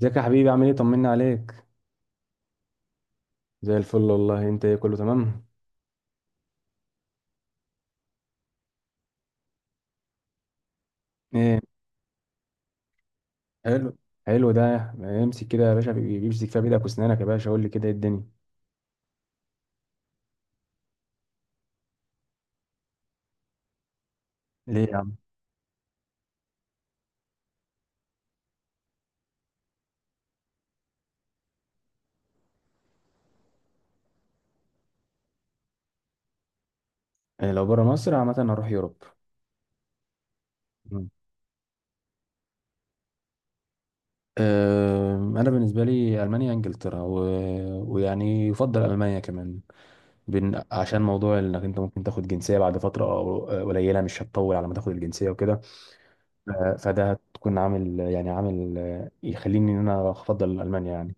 ازيك يا حبيبي؟ عامل ايه؟ طمنا عليك. زي الفل والله. انت ايه؟ كله تمام؟ ايه؟ حلو. حلو ده. امسك كده يا باشا، بيمسك فيها بايدك واسنانك يا باشا. قول لي كده، ايه الدنيا؟ ليه يا عم؟ إيه، لو بره مصر عامه هروح يوروب. مم. أه، انا بالنسبه لي المانيا، انجلترا و... ويعني يفضل المانيا كمان. عشان موضوع انك انت ممكن تاخد جنسيه بعد فتره قليله، مش هتطول على ما تاخد الجنسيه وكده. فده هتكون عامل يعني عامل يخليني ان انا افضل المانيا يعني.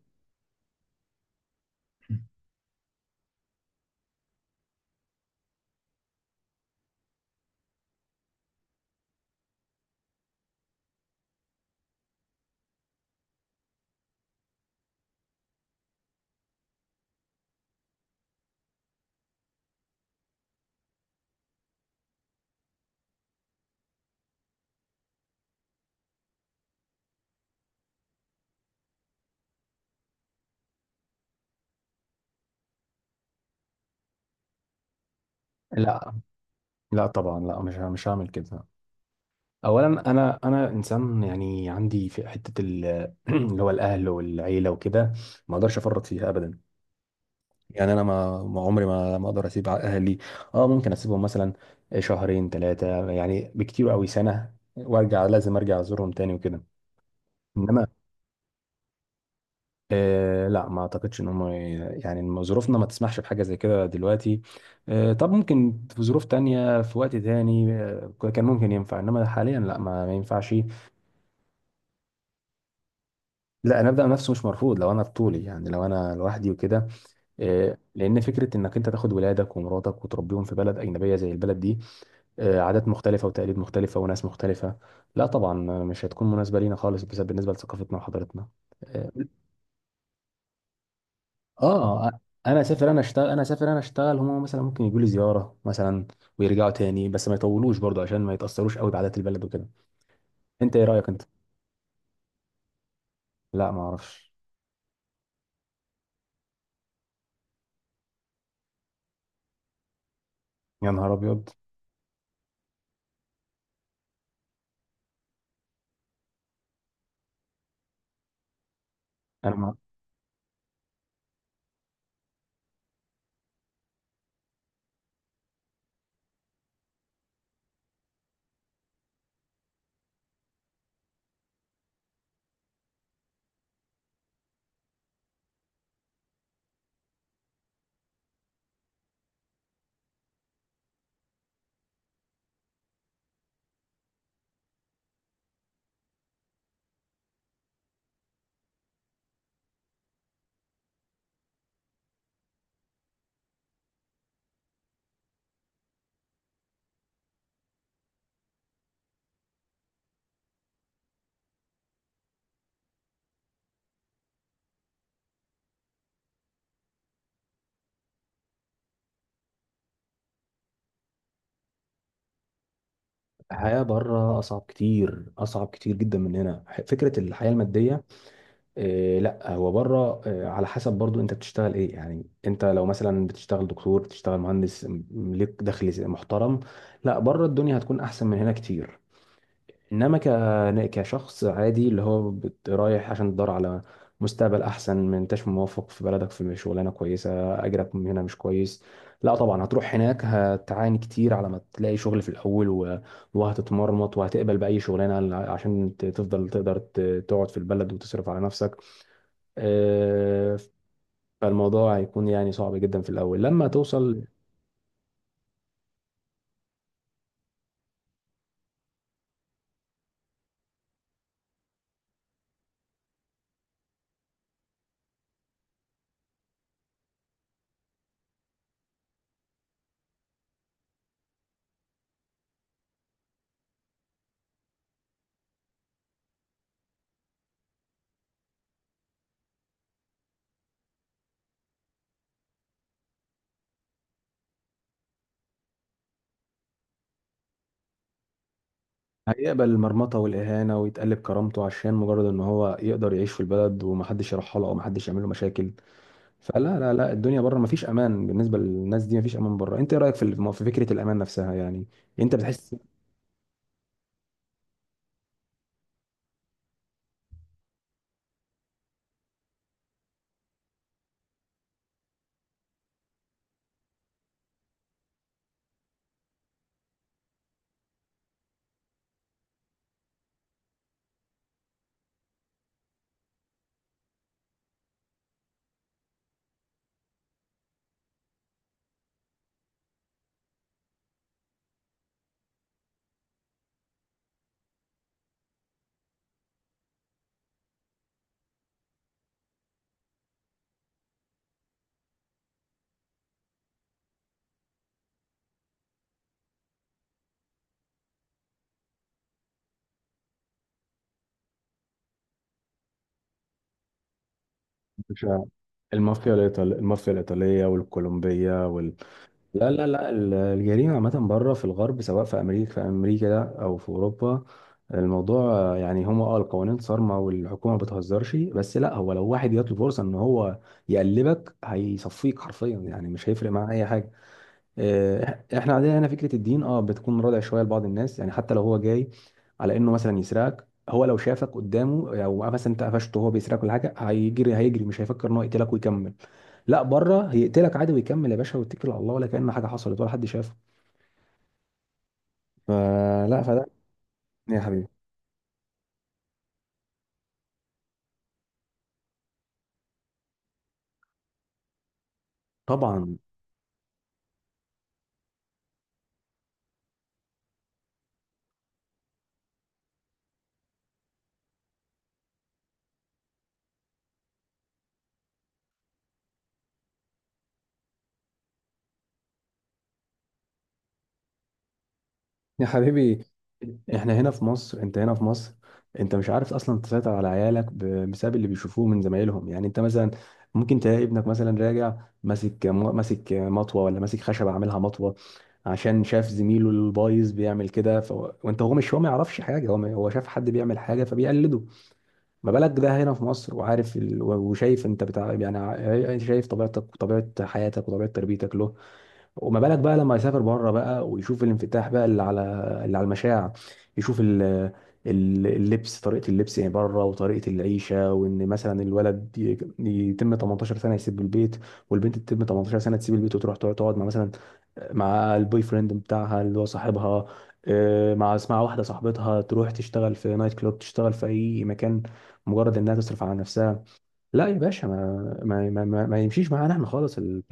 لا، لا طبعا، لا، مش هعمل كده. اولا، انا انسان، يعني عندي في حته اللي هو الاهل والعيله وكده. ما اقدرش افرط فيها ابدا. يعني انا ما عمري ما اقدر اسيب اهلي. اه، ممكن اسيبهم مثلا شهرين، ثلاثه، يعني بكتير قوي سنه وارجع. لازم ارجع ازورهم تاني وكده. انما آه، لا ما اعتقدش ان هم، يعني إن ظروفنا ما تسمحش بحاجه زي كده دلوقتي. آه، طب ممكن في ظروف تانية، في وقت تاني آه كان ممكن ينفع، انما حاليا لا، ما ينفعش. لا، انا ابدا نفسه مش مرفوض لو انا بطولي، يعني لو انا لوحدي وكده. إيه، لان فكره انك انت تاخد ولادك ومراتك وتربيهم في بلد اجنبيه زي البلد دي، إيه، عادات مختلفه وتقاليد مختلفه وناس مختلفه، لا طبعا، مش هتكون مناسبه لينا خالص بس بالنسبه لثقافتنا وحضارتنا. إيه، اه، انا اسافر، انا اشتغل، انا اسافر، انا اشتغل. هم مثلا ممكن يجوا لي زياره مثلا ويرجعوا تاني، بس ما يطولوش برضو عشان ما يتاثروش قوي بعادات البلد وكده. انت ايه رايك انت؟ لا، ما اعرفش. يا نهار ابيض. انا ما. الحياة بره أصعب كتير، أصعب كتير جدا من هنا. فكرة الحياة المادية، إيه لا هو بره إيه على حسب برضو، أنت بتشتغل إيه يعني؟ أنت لو مثلا بتشتغل دكتور، بتشتغل مهندس، ليك دخل محترم. لا بره الدنيا هتكون أحسن من هنا كتير. انما كشخص عادي اللي هو رايح عشان تدور على مستقبل احسن، ما انتش موفق في بلدك في شغلانه كويسه، اجرك من هنا مش كويس، لا طبعا هتروح هناك هتعاني كتير على ما تلاقي شغل في الاول و... وهتتمرمط وهتقبل باي شغلانه عشان تفضل، تقدر تقعد في البلد وتصرف على نفسك. آه، فالموضوع هيكون يعني صعب جدا في الاول لما توصل. هيقبل المرمطة والإهانة ويتقلب كرامته عشان مجرد إن هو يقدر يعيش في البلد ومحدش يرحله أو محدش يعمل له مشاكل. فلا، لا، لا، الدنيا بره مفيش أمان بالنسبة للناس دي، مفيش أمان بره. أنت إيه رأيك في في فكرة الأمان نفسها يعني؟ أنت بتحس؟ مش- المافيا الإيطالية، المافيا الإيطالية والكولومبية. لا، لا، لا، الجريمة عامة بره في الغرب، سواء في أمريكا ده أو في أوروبا. الموضوع يعني هما القوانين صارمة والحكومة ما بتهزرش. بس لا، هو لو واحد جات له فرصة إن هو يقلبك هيصفيك حرفيا، يعني مش هيفرق معاه أي حاجة. إحنا عندنا هنا فكرة الدين بتكون رادع شوية لبعض الناس، يعني حتى لو هو جاي على إنه مثلا يسرقك، هو لو شافك قدامه أو مثلا أنت قفشته وهو بيسرقك ولا حاجة، هيجري هيجري، مش هيفكر إن هو يقتلك ويكمل. لا بره هيقتلك عادي ويكمل يا باشا، ويتكل على الله ولا كأن حاجه حصلت ولا حد شافه. فلا فده. يا حبيبي. طبعا. يا حبيبي، احنا هنا في مصر، انت هنا في مصر، انت مش عارف اصلا تسيطر على عيالك بسبب اللي بيشوفوه من زمايلهم. يعني انت مثلا ممكن تلاقي ابنك مثلا راجع ماسك مطوه، ولا ماسك خشب عاملها مطوه، عشان شاف زميله البايظ بيعمل كده ف... وانت هو مش هو ما يعرفش حاجه، هو ما... هو شاف حد بيعمل حاجه فبيقلده. ما بالك ده هنا في مصر وعارف وشايف انت بتاع يعني يعني شايف طبيعتك وطبيعه حياتك وطبيعه تربيتك له. وما بالك بقى لما يسافر بره بقى ويشوف الانفتاح بقى اللي على المشاع. يشوف اللبس، طريقة اللبس يعني بره، وطريقة العيشة، وإن مثلا الولد يتم 18 سنة يسيب البيت، والبنت تتم 18 سنة تسيب البيت، وتروح تقعد مع مثلا مع البوي فريند بتاعها اللي هو صاحبها. مع واحدة صاحبتها تروح تشتغل في نايت كلوب، تشتغل في أي مكان، مجرد إنها تصرف على نفسها. لا يا باشا، ما يمشيش معانا احنا خالص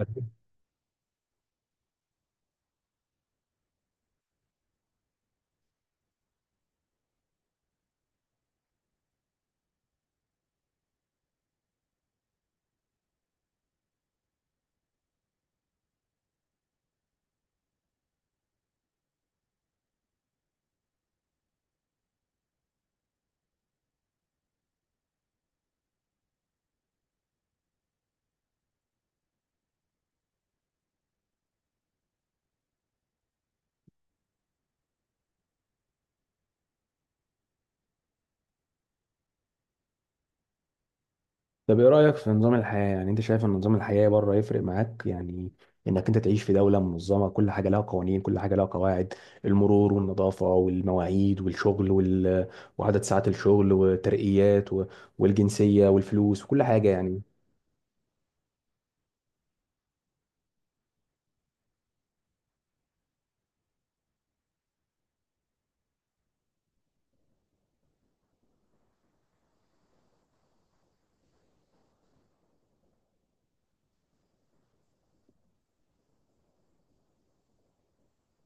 طب ايه رأيك في نظام الحياة؟ يعني انت شايف ان نظام الحياة بره يفرق معاك يعني، انك انت تعيش في دولة منظمة، كل حاجة لها قوانين، كل حاجة لها قواعد، المرور والنظافة والمواعيد والشغل وال... وعدد ساعات الشغل وترقيات و... والجنسية والفلوس وكل حاجة يعني.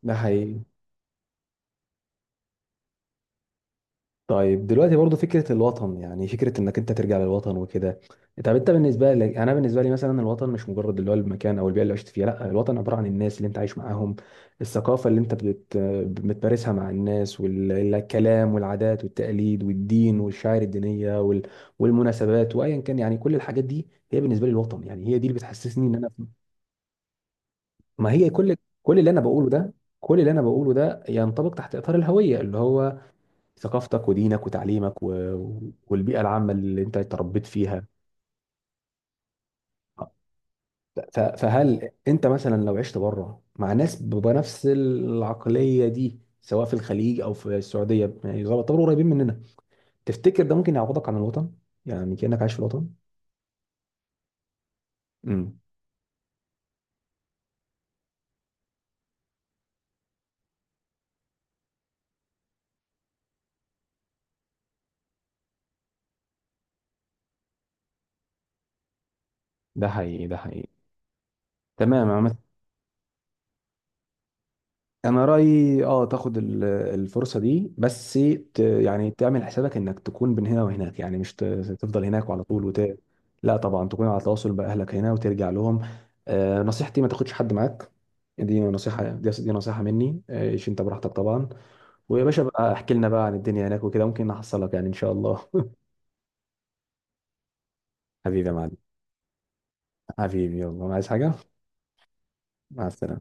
ده حقيقي. طيب دلوقتي برضو فكرة الوطن، يعني فكرة انك انت ترجع للوطن وكده، طب انت بالنسبة لك؟ انا بالنسبة لي مثلا الوطن مش مجرد اللي هو المكان او البيئة اللي عشت فيها. لا، الوطن عبارة عن الناس اللي انت عايش معاهم، الثقافة اللي انت بتمارسها مع الناس، والكلام والعادات والتقاليد والدين والشعائر الدينية وال... والمناسبات وايا كان يعني. كل الحاجات دي هي بالنسبة لي الوطن، يعني هي دي اللي بتحسسني ان انا. ما هي كل، كل اللي انا بقوله ده، كل اللي انا بقوله ده ينطبق تحت اطار الهوية، اللي هو ثقافتك ودينك وتعليمك و... والبيئة العامة اللي انت اتربيت فيها. فهل انت مثلا لو عشت بره مع ناس بنفس العقلية دي، سواء في الخليج او في السعودية، يعني يعتبروا قريبين مننا، تفتكر ده ممكن يعوضك عن الوطن؟ يعني كأنك عايش في الوطن. امم. ده حقيقي، ده حقيقي. تمام. انا رايي تاخد الفرصه دي، بس ت يعني تعمل حسابك انك تكون من هنا وهناك، يعني مش تفضل هناك وعلى طول وت... لا طبعا، تكون على تواصل باهلك هنا وترجع لهم. نصيحتي ما تاخدش حد معاك. دي نصيحه مني. عيش انت براحتك طبعا. ويا باشا بقى احكي لنا بقى عن الدنيا هناك وكده، ممكن احصلك يعني ان شاء الله. حبيبي يا معلم. حبيبي، يلا عايز حاجه؟ مع السلامه.